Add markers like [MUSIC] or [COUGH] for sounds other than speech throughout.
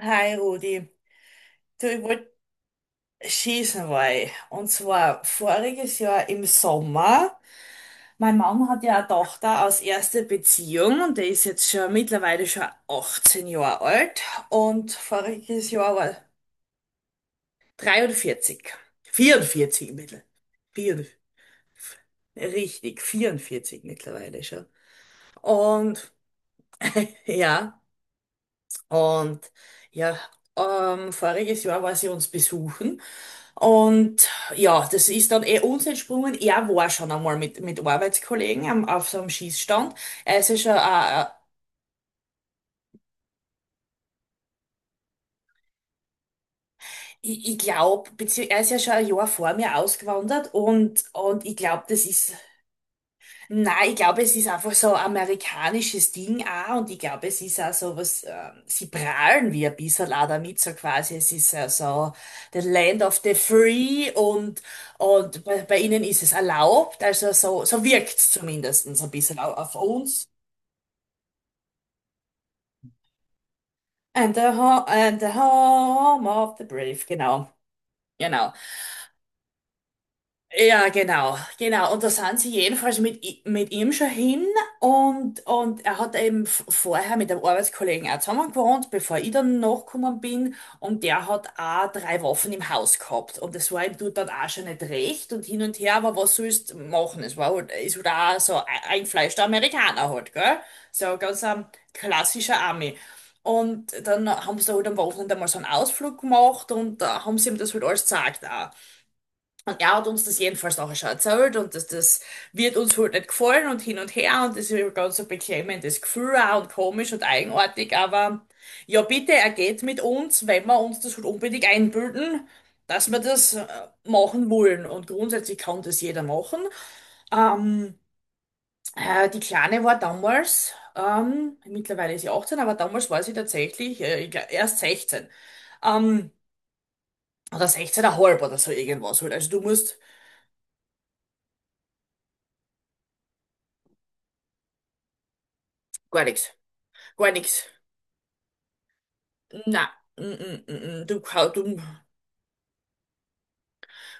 Hi Rudi, du, ich wollte schießen, weil, und zwar voriges Jahr im Sommer, mein Mann hat ja eine Tochter aus erster Beziehung und der ist jetzt schon mittlerweile schon 18 Jahre alt und voriges Jahr war 43, 44 mittlerweile, vier, richtig, 44 mittlerweile schon. Und ja, und ja, Voriges Jahr war sie uns besuchen. Und ja, das ist dann eh uns entsprungen. Er war schon einmal mit Arbeitskollegen am, auf so einem Schießstand. Er ist ja schon, ich glaube, er ist ja schon ein Jahr vor mir ausgewandert und ich glaube, das ist. Nein, ich glaube, es ist einfach so ein amerikanisches Ding auch und ich glaube, es ist auch so was, sie prahlen wie ein bisschen auch damit, so quasi, es ist ja so the land of the free und, und bei ihnen ist es erlaubt, also so wirkt's zumindest so ein bisschen auf uns. And the home of the brave, genau, genau. Ja, genau, genau. Und da sind sie jedenfalls mit, mit ihm schon hin und er hat eben vorher mit einem Arbeitskollegen auch zusammen gewohnt, bevor ich dann nachgekommen bin und der hat auch drei Waffen im Haus gehabt und das war ihm dort dann auch schon nicht recht und hin und her, aber was sollst du machen? Es war halt, ist halt auch so ein eingefleischter Amerikaner halt, gell? So ganz ein klassischer Ami. Und dann haben sie da halt am Wochenende mal so einen Ausflug gemacht und da haben sie ihm das halt alles gezeigt auch. Und er hat uns das jedenfalls nachher schon erzählt und dass das wird uns halt nicht gefallen und hin und her und das ist ein ganz ein beklemmendes Gefühl auch und komisch und eigenartig, aber ja bitte, er geht mit uns, wenn wir uns das halt unbedingt einbilden, dass wir das machen wollen und grundsätzlich kann das jeder machen. Ähm, Die Kleine war damals, mittlerweile ist sie 18, aber damals war sie tatsächlich ich glaub, erst 16. Ähm, oder 16,5 oder so irgendwas halt. Also du musst gar nichts, gar nichts. Na, du, du,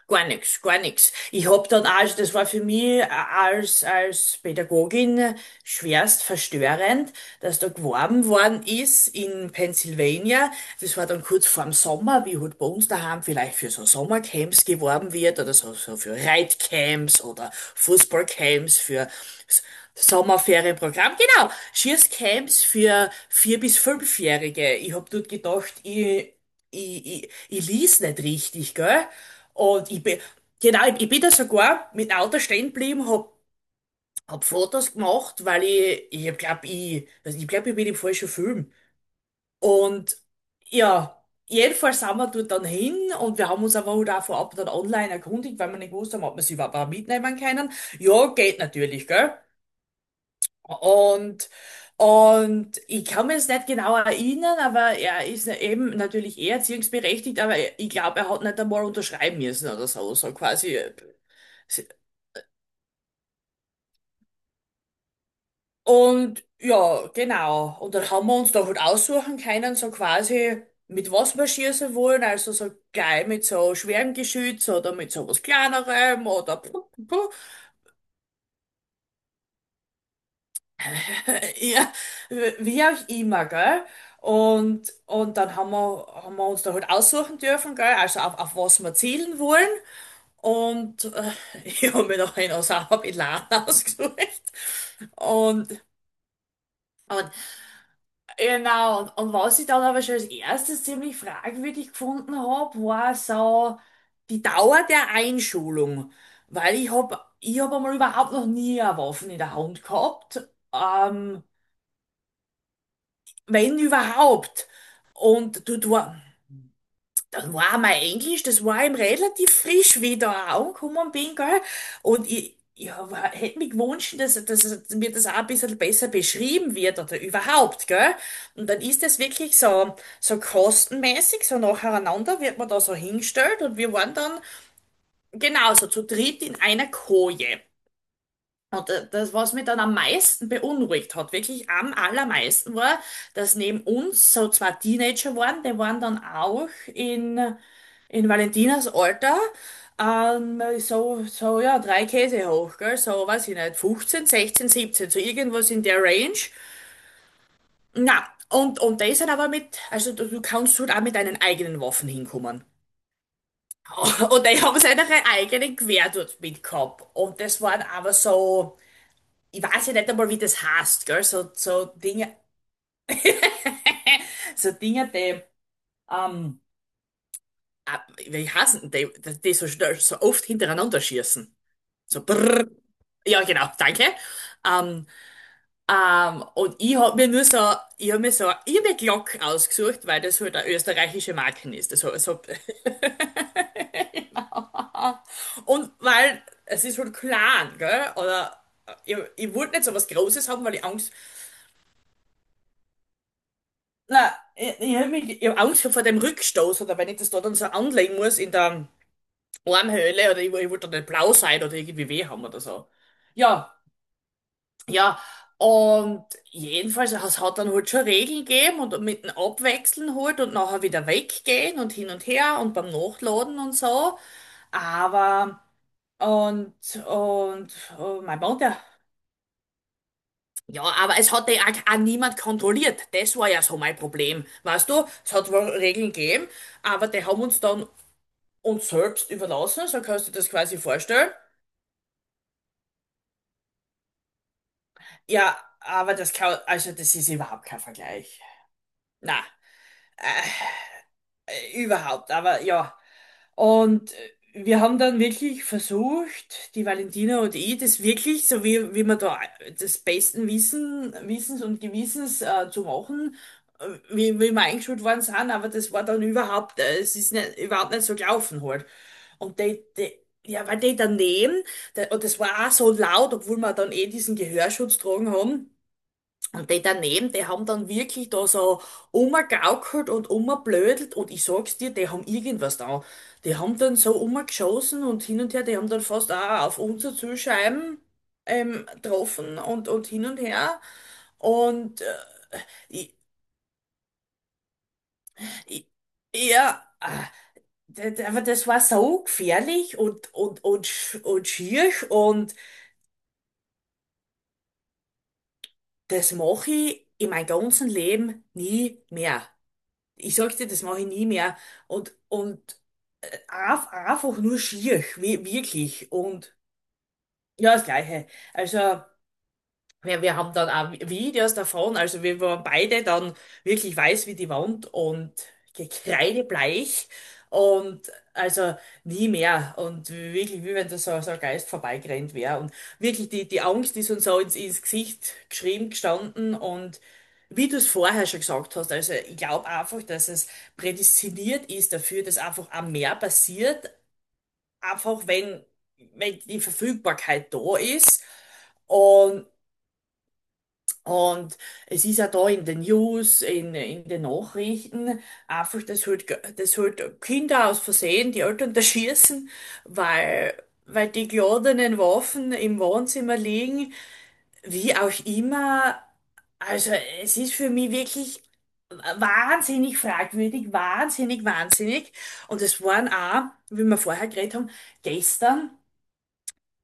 gar nichts, gar nichts. Ich hab dann auch, das war für mich als, als Pädagogin schwerst verstörend, dass da geworben worden ist in Pennsylvania. Das war dann kurz vorm Sommer, wie halt bei uns daheim vielleicht für so Sommercamps geworben wird oder so, so für Reitcamps oder Fußballcamps für S- Sommerferienprogramm. Genau, Schießcamps für vier- bis fünfjährige. Ich hab dort gedacht, ich lies nicht richtig, gell? Und ich bin, genau, ich bin da sogar mit dem Auto stehen geblieben, hab, hab Fotos gemacht, weil ich glaub, ich bin im falschen Film. Und ja, Jedenfalls sind wir dort dann hin und wir haben uns aber halt auch vorab dann online erkundigt, weil wir nicht gewusst haben, ob wir sie überhaupt mitnehmen können. Ja, geht natürlich, gell? Und, und ich kann mir jetzt nicht genau erinnern, aber er ist ja eben natürlich eh erziehungsberechtigt, aber ich glaube, er hat nicht einmal unterschreiben müssen oder so, so quasi. Und ja, genau. Und dann haben wir uns da halt aussuchen können, so quasi, mit was wir schießen wollen, also so gleich mit so schwerem Geschütz oder mit so was Kleinerem oder puh, puh, puh. [LAUGHS] Ja, wie auch immer, gell? Haben wir uns da halt aussuchen dürfen, gell? Also auf was wir zielen wollen. Und [LAUGHS] ich habe mir noch einen Osama Bin Laden [LAUGHS] ausgesucht. Und, und genau, und was ich dann aber schon als erstes ziemlich fragwürdig gefunden habe, war so die Dauer der Einschulung. Weil ich hab einmal überhaupt noch nie eine Waffe in der Hand gehabt. Ähm, Wenn überhaupt. Und dann war mein Englisch, das war ihm relativ frisch, wie ich da auch angekommen bin, gell? Und ich hätte mir gewünscht, dass mir das auch ein bisschen besser beschrieben wird oder überhaupt, gell? Und dann ist das wirklich so kostenmäßig, so nacheinander wird man da so hingestellt und wir waren dann genauso zu dritt in einer Koje. Und das, was mich dann am meisten beunruhigt hat, wirklich am allermeisten war, dass neben uns so zwei Teenager waren, die waren dann auch in, in Valentinas Alter, so, so, ja, drei Käse hoch, gell, so, weiß ich nicht, 15, 16, 17, so irgendwas in der Range. Na, und die sind aber mit, also du kannst halt auch mit deinen eigenen Waffen hinkommen. [LAUGHS] Und die haben seine eigenen Gewehr dort mitgehabt. Und das waren aber so, ich weiß ja nicht einmal, wie das heißt, gell? So, so Dinge, [LAUGHS] so Dinge, ähm, ah, wie heißen die, die so schnell, so oft hintereinander schießen. So brrr. Ja, genau, danke. Ähm, und ich hab mir so eine irre Glock ausgesucht, weil das halt eine österreichische Marke ist. Also [LAUGHS] und weil es ist halt klein, gell? Oder ich wollte nicht so was Großes haben, weil ich Angst. Nein, ich hab Angst gehabt vor dem Rückstoß oder wenn ich das da dann so anlegen muss in der Armhöhle oder ich wollte dann nicht blau sein oder irgendwie weh haben oder so. Ja, ja. Und jedenfalls, es hat dann halt schon Regeln gegeben und mit dem Abwechseln halt und nachher wieder weggehen und hin und her und beim Nachladen und so. Aber, und, oh, mein Mann, der. Ja, aber es hat ja auch niemand kontrolliert. Das war ja so mein Problem. Weißt du, es hat wohl Regeln gegeben, aber die haben uns dann uns selbst überlassen, so kannst du dir das quasi vorstellen. Ja, aber das kann, also das ist überhaupt kein Vergleich. Na, überhaupt, aber ja. Und wir haben dann wirklich versucht, die Valentina und ich, das wirklich, so wie, wie wir da das besten Wissens und Gewissens zu machen, äh, wie, wie wir eingeschult worden sind, aber das war dann überhaupt, es ist nicht, überhaupt nicht so gelaufen halt. Und die, ja, weil die daneben, der, und das war auch so laut, obwohl wir dann eh diesen Gehörschutz tragen haben, und die daneben, die haben dann wirklich da so rumgegaukelt und rumgeblödelt und ich sag's dir, die haben irgendwas da. Die haben dann so rumgeschossen und hin und her, die haben dann fast auch auf unsere Zielscheiben getroffen und hin und her. Und ich, ich, ja, ah, d- d- aber das war so gefährlich und schier und das mache ich in meinem ganzen Leben nie mehr. Ich sag dir, das mache ich nie mehr. Und, und Einfach nur schier, wirklich. Und ja, das Gleiche. Also, wir haben dann auch Videos davon, also wir waren beide dann wirklich weiß wie die Wand und gekreidebleich und also nie mehr. Und wirklich, wie wenn da so ein Geist vorbeigerannt wäre. Und wirklich, die Angst ist uns so ins Gesicht geschrieben gestanden und wie du es vorher schon gesagt hast, also ich glaube einfach, dass es prädestiniert ist dafür, dass einfach auch mehr passiert, einfach wenn die Verfügbarkeit da ist. Und, und Es ist ja da in den News, in den Nachrichten, einfach, dass halt Kinder aus Versehen die Eltern da schießen, weil die geladenen Waffen im Wohnzimmer liegen. Wie auch immer, also es ist für mich wirklich wahnsinnig fragwürdig, wahnsinnig, wahnsinnig. Und es waren auch, wie wir vorher geredet haben, gestern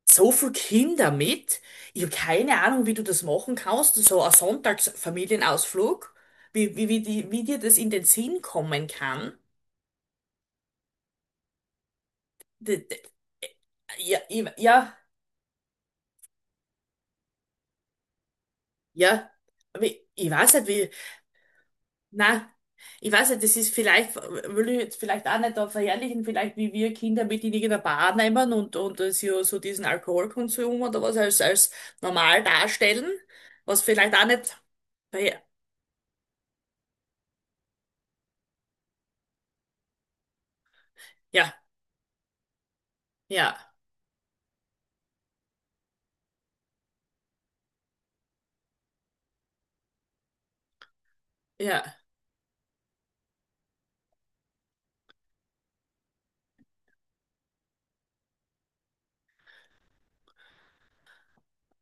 so viele Kinder mit. Ich habe keine Ahnung, wie du das machen kannst. So ein Sonntagsfamilienausflug, wie dir das in den Sinn kommen kann. D- d- Ja, ja. Aber ich weiß nicht, wie. Na, ich weiß nicht, das ist vielleicht, will ich jetzt vielleicht auch nicht da verherrlichen, vielleicht wie wir Kinder mit in irgendeiner Bar nehmen und so diesen Alkoholkonsum oder was als normal darstellen, was vielleicht auch nicht. verher- Ja, ja, ja.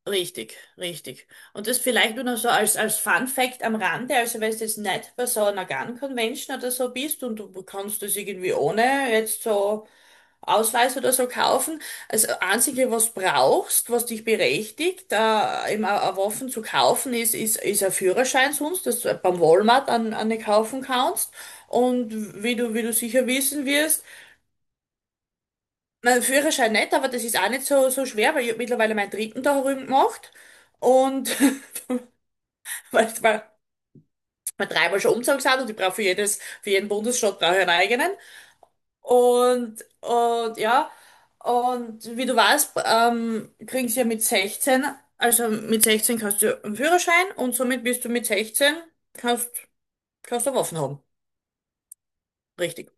Richtig, richtig. Und das vielleicht nur noch so als Fun Fact am Rande, also wenn du jetzt nicht bei so einer Gun Convention oder so bist und du kannst das irgendwie ohne jetzt so Ausweis oder so kaufen. Also Einzige, was brauchst, was dich berechtigt, eben a Waffen zu kaufen, ist ein Führerschein sonst, dass du beim Walmart an, eine kaufen kannst. Und wie du sicher wissen wirst, mein Führerschein nicht, aber das ist auch nicht so schwer, weil ich hab mittlerweile meinen dritten da drüben gemacht. Und [LAUGHS] weil mal dreimal schon umgezogen sind und ich brauche für jeden Bundesstaat brauche ich einen eigenen. Ja, und wie du weißt, kriegst du ja mit 16, also mit 16 kannst du einen Führerschein und somit bist du mit 16, kannst, kannst du Waffen haben. Richtig.